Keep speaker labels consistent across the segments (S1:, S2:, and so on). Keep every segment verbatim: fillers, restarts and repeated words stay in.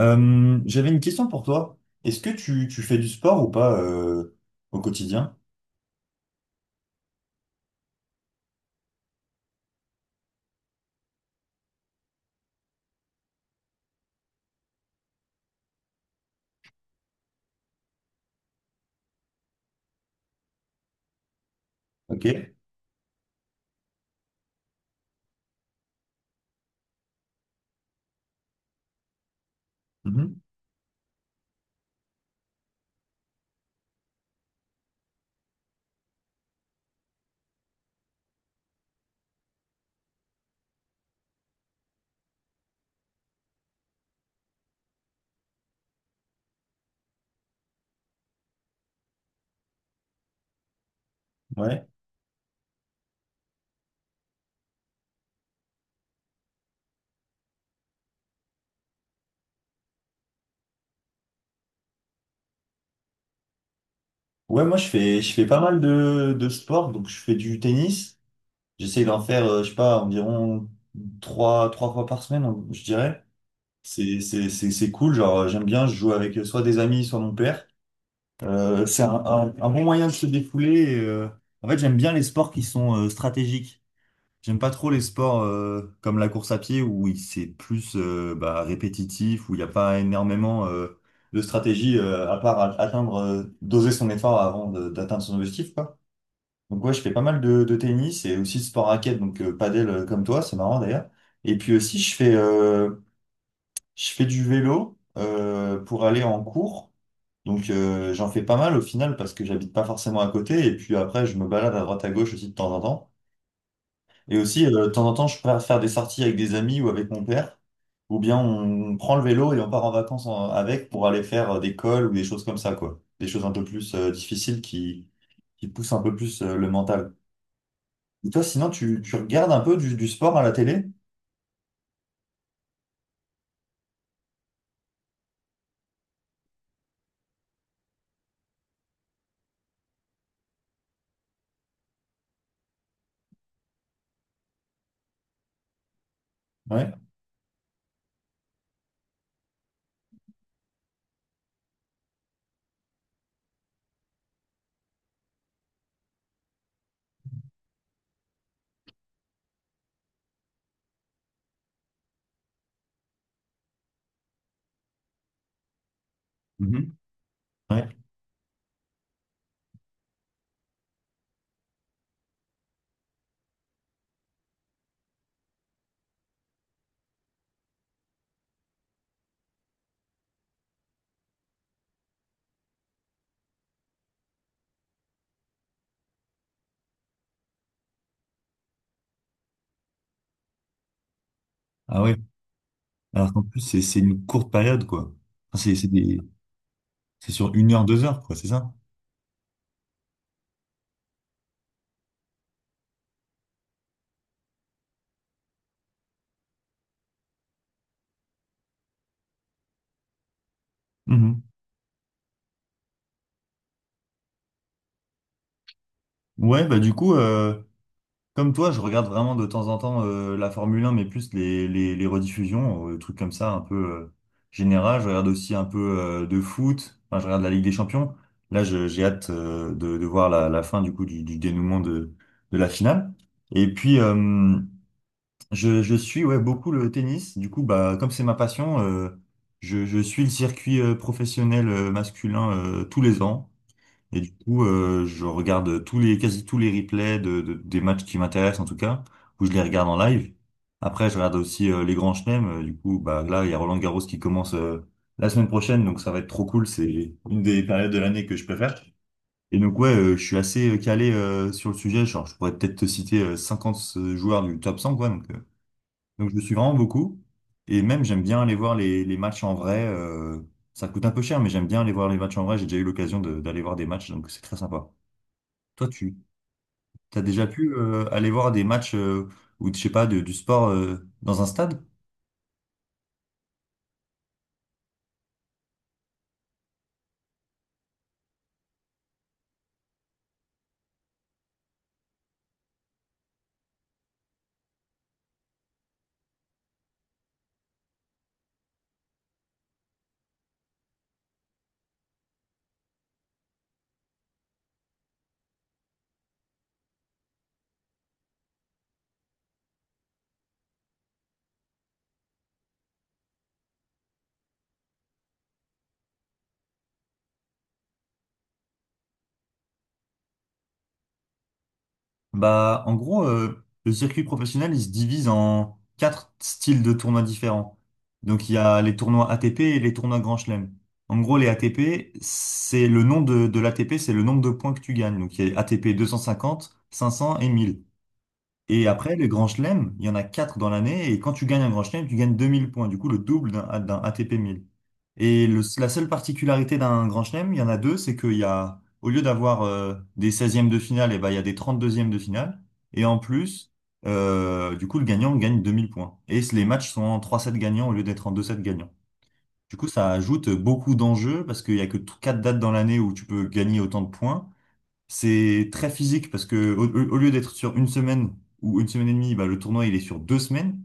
S1: Euh, j'avais une question pour toi. Est-ce que tu, tu fais du sport ou pas euh, au quotidien? Ok. Mhm. Ouais. Ouais, moi je fais je fais pas mal de, de sport, donc je fais du tennis. J'essaie d'en faire, euh, je sais pas, environ trois, trois fois par semaine, on- je dirais. C'est, c'est, c'est, c'est cool, genre euh, j'aime bien, je joue avec euh, soit des amis, soit mon père. Euh, c'est un, un, un bon moyen de se défouler. Et, euh, en fait, j'aime bien les sports qui sont euh, stratégiques. J'aime pas trop les sports euh, comme la course à pied où il- c'est plus euh, bah, répétitif, où il n'y a pas énormément euh, de stratégie euh, à part a- atteindre, euh, doser son effort avant de- d'atteindre son objectif, quoi. Donc ouais, je fais pas mal de, de tennis et aussi de sport raquette, donc euh, padel euh, comme toi, c'est marrant d'ailleurs. Et puis aussi, je fais, euh, je fais du vélo euh, pour aller en cours. Donc euh, j'en fais pas mal au final parce que j'habite pas forcément à côté. Et puis après, je me balade à droite à gauche aussi de temps en temps. Et aussi, euh, de temps en temps, je peux faire des sorties avec des amis ou avec mon père, ou bien on prend le vélo et on part en vacances en- avec pour aller faire euh, des cols ou des choses comme ça, quoi. Des choses un peu plus euh, difficiles qui, qui poussent un peu plus euh, le mental. Et toi, sinon, tu, tu regardes un peu du, du sport à la télé? Ouais. Mhm. Ouais. Ah ouais. Alors qu'en plus, c'est c'est une courte période, quoi. Enfin, c'est c'est des. C'est sur une heure, deux heures, quoi, c'est ça? Mhm. Ouais, bah du coup, euh, comme toi, je regarde vraiment de temps en temps euh, la Formule un, mais plus les, les, les rediffusions, euh, des trucs comme ça, un peu euh, général. Je regarde aussi un peu euh, de foot. Enfin, je regarde la Ligue des Champions. Là, je- j'ai hâte euh, de, de voir la, la fin du coup du, du dénouement de, de la finale. Et puis, euh, je, je suis ouais beaucoup le tennis. Du coup, bah comme c'est ma passion, euh, je, je suis le circuit euh, professionnel euh, masculin euh, tous les ans. Et du coup, euh, je regarde tous les, quasi tous les replays de, de- des matchs qui m'intéressent, en tout cas, où je les regarde en live. Après, je regarde aussi euh, les grands chelems. Euh, Du coup, bah, là, il y a Roland Garros qui commence euh, la semaine prochaine, donc ça va être trop cool. C'est une des périodes de l'année que je préfère. Et donc, ouais, euh, je suis assez euh, calé euh, sur le sujet. Genre, je pourrais peut-être te citer euh, cinquante joueurs du top cent, quoi. Donc, euh, donc je le suis vraiment beaucoup. Et même j'aime bien aller voir les, les matchs en vrai. Euh, ça coûte un peu cher, mais j'aime bien aller voir les matchs en vrai. J'ai déjà eu l'occasion de- d'aller voir des matchs, donc c'est très sympa. Toi, tu as déjà pu euh, aller voir des matchs euh, ou je sais pas de- du sport euh, dans un stade? Bah, en gros, euh, le circuit professionnel, il se divise en quatre styles de tournois différents. Donc, il y a les tournois A T P et les tournois Grand Chelem. En gros, les A T P, c'est le nom de, de l'A T P, c'est le nombre de points que tu gagnes. Donc, il y a ATP cinq cents et mille. Et après, les grands chelems, il y en a quatre dans l'année. Et quand tu gagnes un grand chelem, tu gagnes deux mille points. Du coup, le double d'un d'un A T P mille. Et le- la seule particularité d'un grand chelem, il y en a deux, c'est qu'il y a, au lieu d'avoir euh, des seizièmes de finale, et ben, il y a des trente-deuxièmes de finale. Et en plus, euh, du coup, le gagnant gagne deux mille points. Et c- les matchs sont en trois sept gagnants au lieu d'être en deux sept gagnants. Du coup, ça ajoute beaucoup d'enjeux parce qu'il y a que t- quatre dates dans l'année où tu peux gagner autant de points. C'est très physique parce que au, au- au lieu d'être sur une semaine ou une semaine et demie, bah, le tournoi il est sur deux semaines.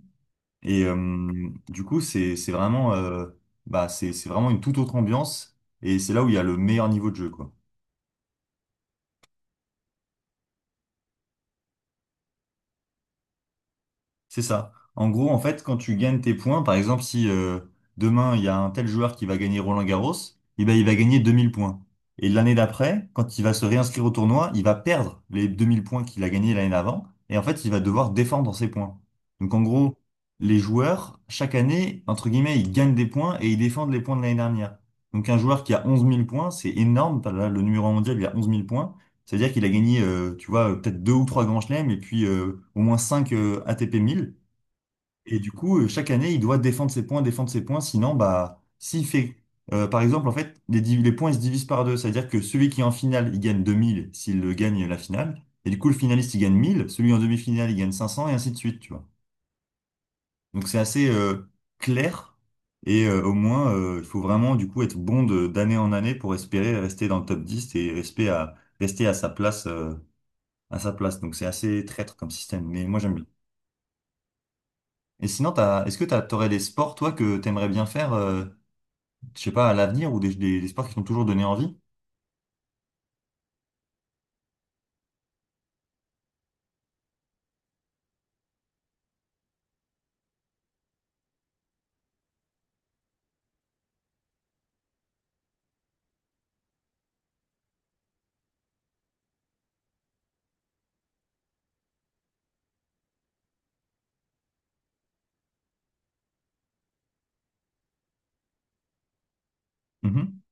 S1: Et euh, du coup, c'est c'est vraiment, euh, bah, c'est c'est vraiment une toute autre ambiance. Et c'est là où il y a le meilleur niveau de jeu, quoi. C'est ça. En gros, en fait, quand tu gagnes tes points, par exemple, si euh, demain il y a un tel joueur qui va gagner Roland-Garros, eh ben, il va gagner deux mille points. Et l'année d'après, quand il va se réinscrire au tournoi, il va perdre les deux mille points qu'il a gagnés l'année d'avant. Et en fait, il va devoir défendre ses points. Donc en gros, les joueurs, chaque année, entre guillemets, ils gagnent des points et ils défendent les points de l'année dernière. Donc un joueur qui a onze mille points, c'est énorme. Là, le numéro un mondial, il a onze mille points. C'est-à-dire qu'il a gagné, euh, tu vois, peut-être deux ou trois grands chelems et puis euh, au moins cinq euh, A T P mille. Et du coup, euh, chaque année, il doit défendre ses points, défendre ses points. Sinon, bah, s'il fait, euh, par exemple, en fait, les, div- les points ils se divisent par deux. C'est-à-dire que celui qui est en finale, il gagne deux mille s'il euh, gagne la finale. Et du coup, le finaliste, il gagne mille. Celui en demi-finale, il gagne cinq cents et ainsi de suite, tu vois. Donc, c'est assez euh, clair. Et euh, au moins, euh, il faut vraiment, du coup, être bon de- d'année en année pour espérer rester dans le top dix et rester à, rester à sa place. euh, à sa place. Donc c'est assez traître comme système, mais moi j'aime bien. Et sinon, t'as, est-ce que t'as, t'aurais des sports, toi, que t'aimerais bien faire, euh, je sais pas, à l'avenir, ou des, des, des sports qui t'ont toujours donné envie? Mhm.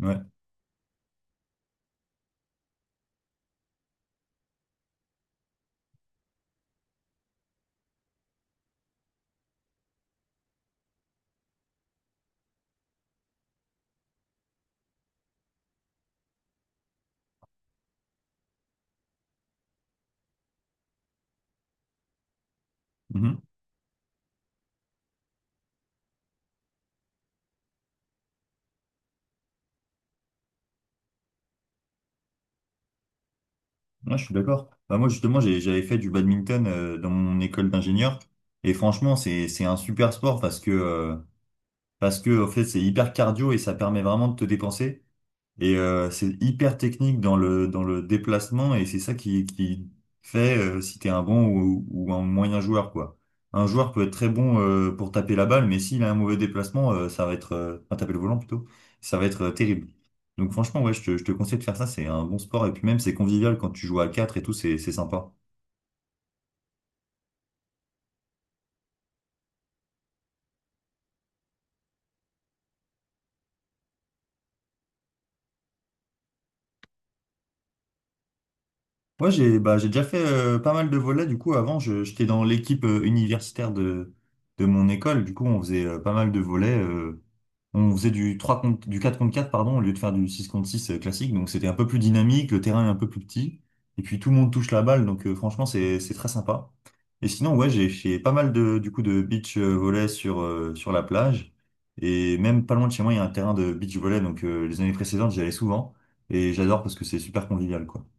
S1: Ouais. Mhm. Ouais, je suis d'accord. Bah, moi, justement, j'ai- j'avais fait du badminton, euh, dans mon école d'ingénieur. Et franchement, c'est, c'est un super sport parce que, euh, parce que, en fait, c'est hyper cardio et ça permet vraiment de te dépenser. Et euh, c'est hyper technique dans le, dans le déplacement et c'est ça qui, qui fait euh, si t'es un bon ou, ou un moyen joueur, quoi. Un joueur peut être très bon euh, pour taper la balle, mais s'il a un mauvais déplacement, euh, ça va être, euh, enfin, taper le volant plutôt, ça va être euh, terrible. Donc franchement, ouais, je te, je te conseille de faire ça, c'est un bon sport. Et puis même, c'est convivial quand tu joues à quatre et tout, c'est c'est sympa. Ouais, j'ai bah, j'ai déjà fait euh, pas mal de volets. Du coup, avant, je- j'étais dans l'équipe euh, universitaire de, de mon école. Du coup, on faisait euh, pas mal de volets. Euh, on faisait du trois contre, du quatre contre quatre pardon, au lieu de faire du six contre six euh, classique. Donc, c'était un peu plus dynamique. Le terrain est un peu plus petit. Et puis, tout le monde touche la balle. Donc, euh, franchement, c'est, c'est très sympa. Et sinon, ouais, j'ai fait pas mal de, du coup, de beach euh, volley sur, euh, sur la plage. Et même pas loin de chez moi, il y a un terrain de beach volley. Donc, euh, les années précédentes, j'y allais souvent. Et j'adore parce que c'est super convivial, quoi.